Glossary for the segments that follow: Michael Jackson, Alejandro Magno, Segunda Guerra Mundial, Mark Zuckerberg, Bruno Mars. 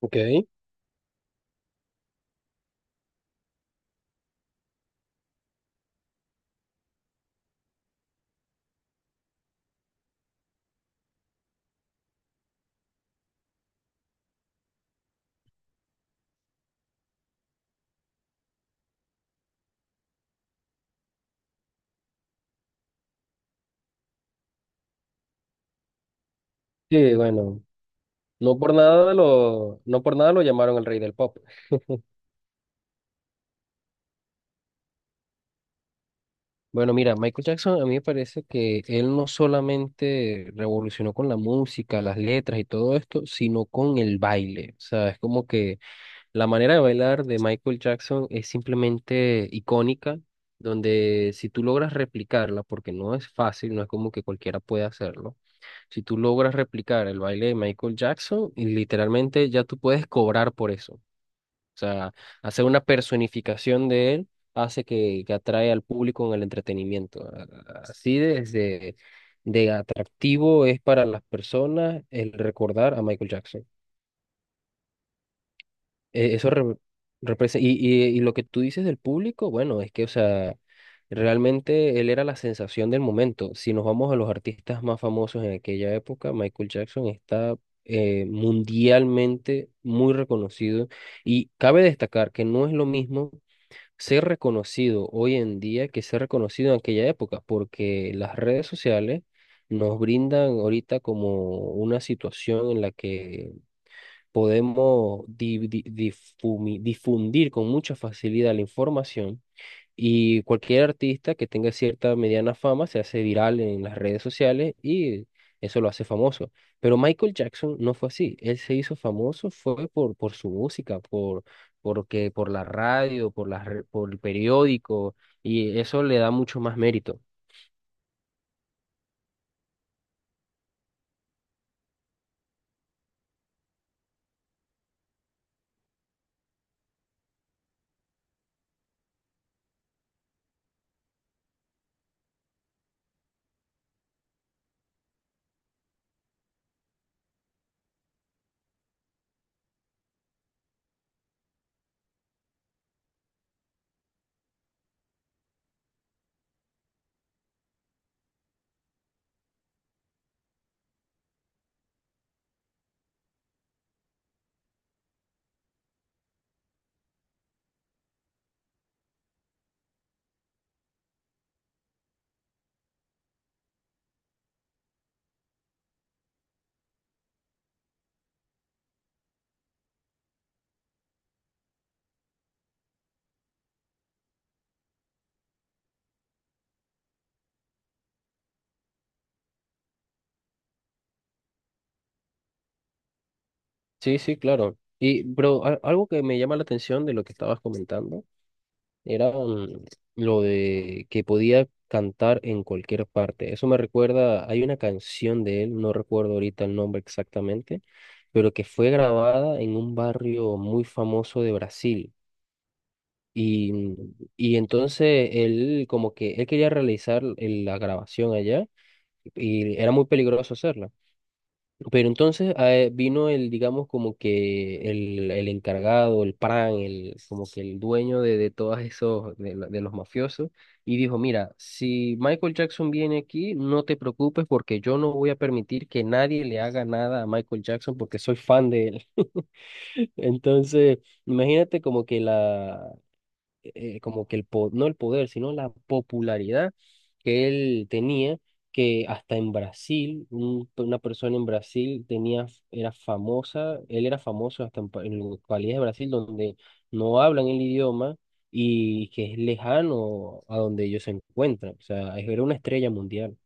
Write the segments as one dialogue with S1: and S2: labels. S1: Ok. Sí, bueno, no por nada lo llamaron el rey del pop. Bueno, mira, Michael Jackson a mí me parece que él no solamente revolucionó con la música, las letras y todo esto, sino con el baile. O sea, es como que la manera de bailar de Michael Jackson es simplemente icónica, donde si tú logras replicarla, porque no es fácil, no es como que cualquiera puede hacerlo. Si tú logras replicar el baile de Michael Jackson, y literalmente ya tú puedes cobrar por eso. O sea, hacer una personificación de él hace que atrae al público en el entretenimiento. Así desde de atractivo es para las personas el recordar a Michael Jackson. Eso representa, y lo que tú dices del público, bueno, es que, o sea, realmente él era la sensación del momento. Si nos vamos a los artistas más famosos en aquella época, Michael Jackson está mundialmente muy reconocido. Y cabe destacar que no es lo mismo ser reconocido hoy en día que ser reconocido en aquella época, porque las redes sociales nos brindan ahorita como una situación en la que podemos difundir con mucha facilidad la información y cualquier artista que tenga cierta mediana fama se hace viral en las redes sociales y eso lo hace famoso. Pero Michael Jackson no fue así. Él se hizo famoso fue por su música, por la radio, por el periódico, y eso le da mucho más mérito. Sí, sí, claro. Y, pero algo que me llama la atención de lo que estabas comentando era lo de que podía cantar en cualquier parte. Eso me recuerda, hay una canción de él, no recuerdo ahorita el nombre exactamente, pero que fue grabada en un barrio muy famoso de Brasil. Y, y entonces él como que él quería realizar la grabación allá y era muy peligroso hacerla. Pero entonces vino el, digamos, como que el encargado, el PRAN, el, como que el dueño de todos esos, de los mafiosos, y dijo, mira, si Michael Jackson viene aquí, no te preocupes porque yo no voy a permitir que nadie le haga nada a Michael Jackson porque soy fan de él. Entonces, imagínate como que la, como que el po- no el poder, sino la popularidad que él tenía, que hasta en Brasil, una persona en Brasil tenía, era famosa, él era famoso hasta en, en localidades de Brasil donde no hablan el idioma y que es lejano a donde ellos se encuentran. O sea, era una estrella mundial.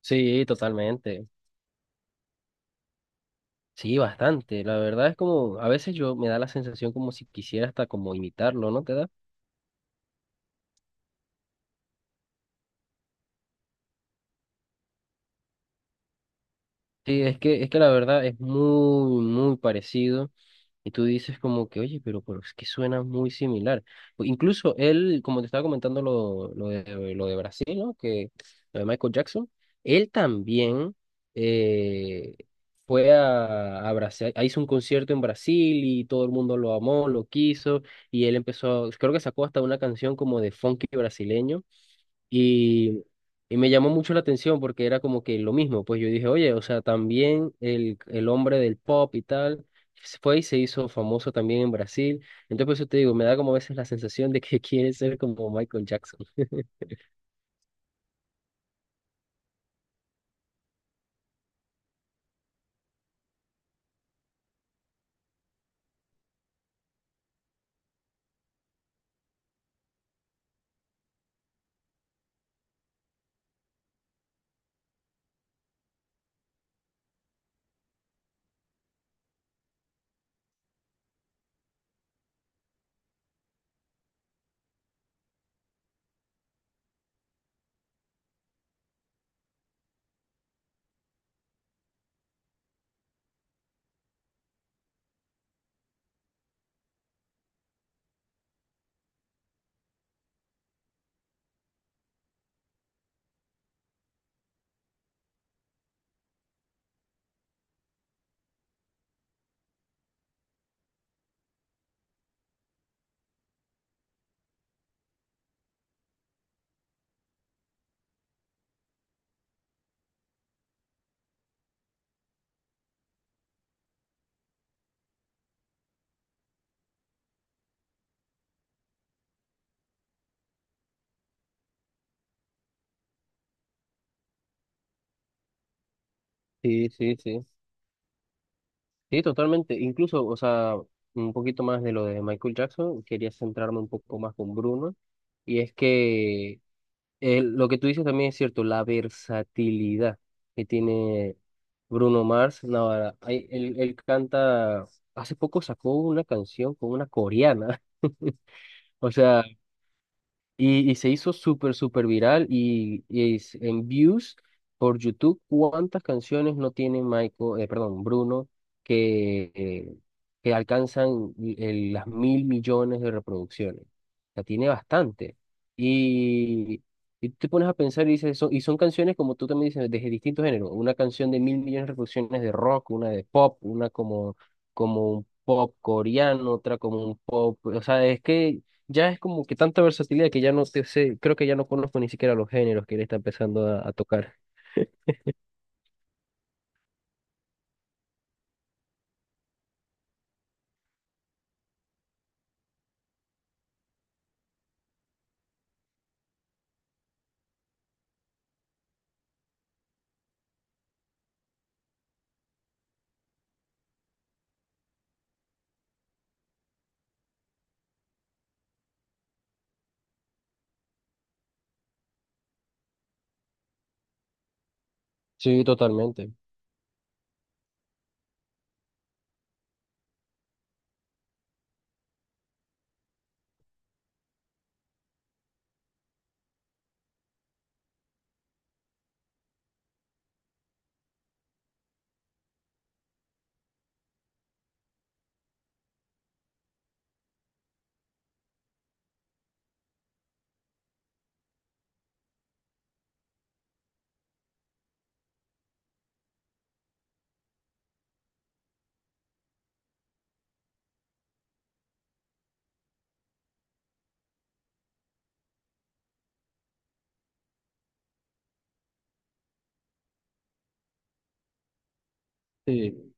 S1: Sí, totalmente. Sí, bastante. La verdad es como, a veces yo me da la sensación como si quisiera hasta como imitarlo, ¿no te da? Sí, es que la verdad es muy, muy parecido. Y tú dices como que, oye, pero es que suena muy similar. O incluso él, como te estaba comentando lo de Brasil, ¿no? Que lo de Michael Jackson, él también eh, fue a Brasil, ah, hizo un concierto en Brasil y todo el mundo lo amó, lo quiso. Y él empezó, creo que sacó hasta una canción como de funky brasileño. Y, y me llamó mucho la atención porque era como que lo mismo, pues yo dije, oye, o sea, también el hombre del pop y tal se fue y se hizo famoso también en Brasil. Entonces, por eso te digo, me da como a veces la sensación de que quiere ser como Michael Jackson. Sí, sí, sí. Sí, totalmente. Incluso, o sea, un poquito más de lo de Michael Jackson, quería centrarme un poco más con Bruno. Y es que lo que tú dices también es cierto, la versatilidad que tiene Bruno Mars. No, ahora, ay, él canta, hace poco sacó una canción con una coreana. O sea, y se hizo súper, súper viral y, en views por YouTube, ¿cuántas canciones no tiene Bruno, que, eh, que alcanzan las mil millones de reproducciones? O sea, tiene bastante. Y, y tú te pones a pensar y dices, son canciones, como tú también dices, de distintos géneros. Una canción de mil millones de reproducciones de rock, una de pop, una como, como un pop coreano, otra como un pop. O sea, es que ya es como que tanta versatilidad que ya no te sé, creo que ya no conozco ni siquiera los géneros que él está empezando a tocar. Sí, totalmente. Sí,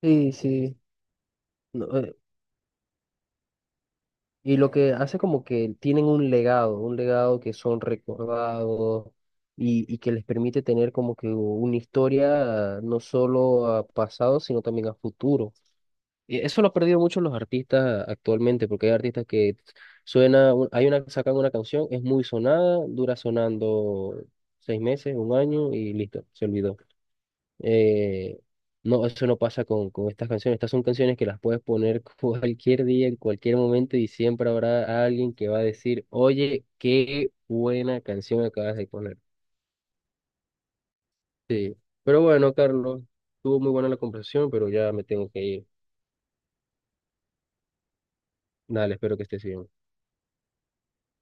S1: sí, sí. No, y lo que hace como que tienen un legado que son recordados y que les permite tener como que una historia no solo a pasado, sino también a futuro. Y eso lo ha perdido mucho los artistas actualmente, porque hay artistas que suena, sacan una canción, es muy sonada, dura sonando seis meses, un año y listo, se olvidó. Eh, no, eso no pasa con estas canciones. Estas son canciones que las puedes poner cualquier día, en cualquier momento, y siempre habrá alguien que va a decir, oye, qué buena canción acabas de poner. Sí. Pero bueno, Carlos, estuvo muy buena la conversación, pero ya me tengo que ir. Dale, espero que estés bien.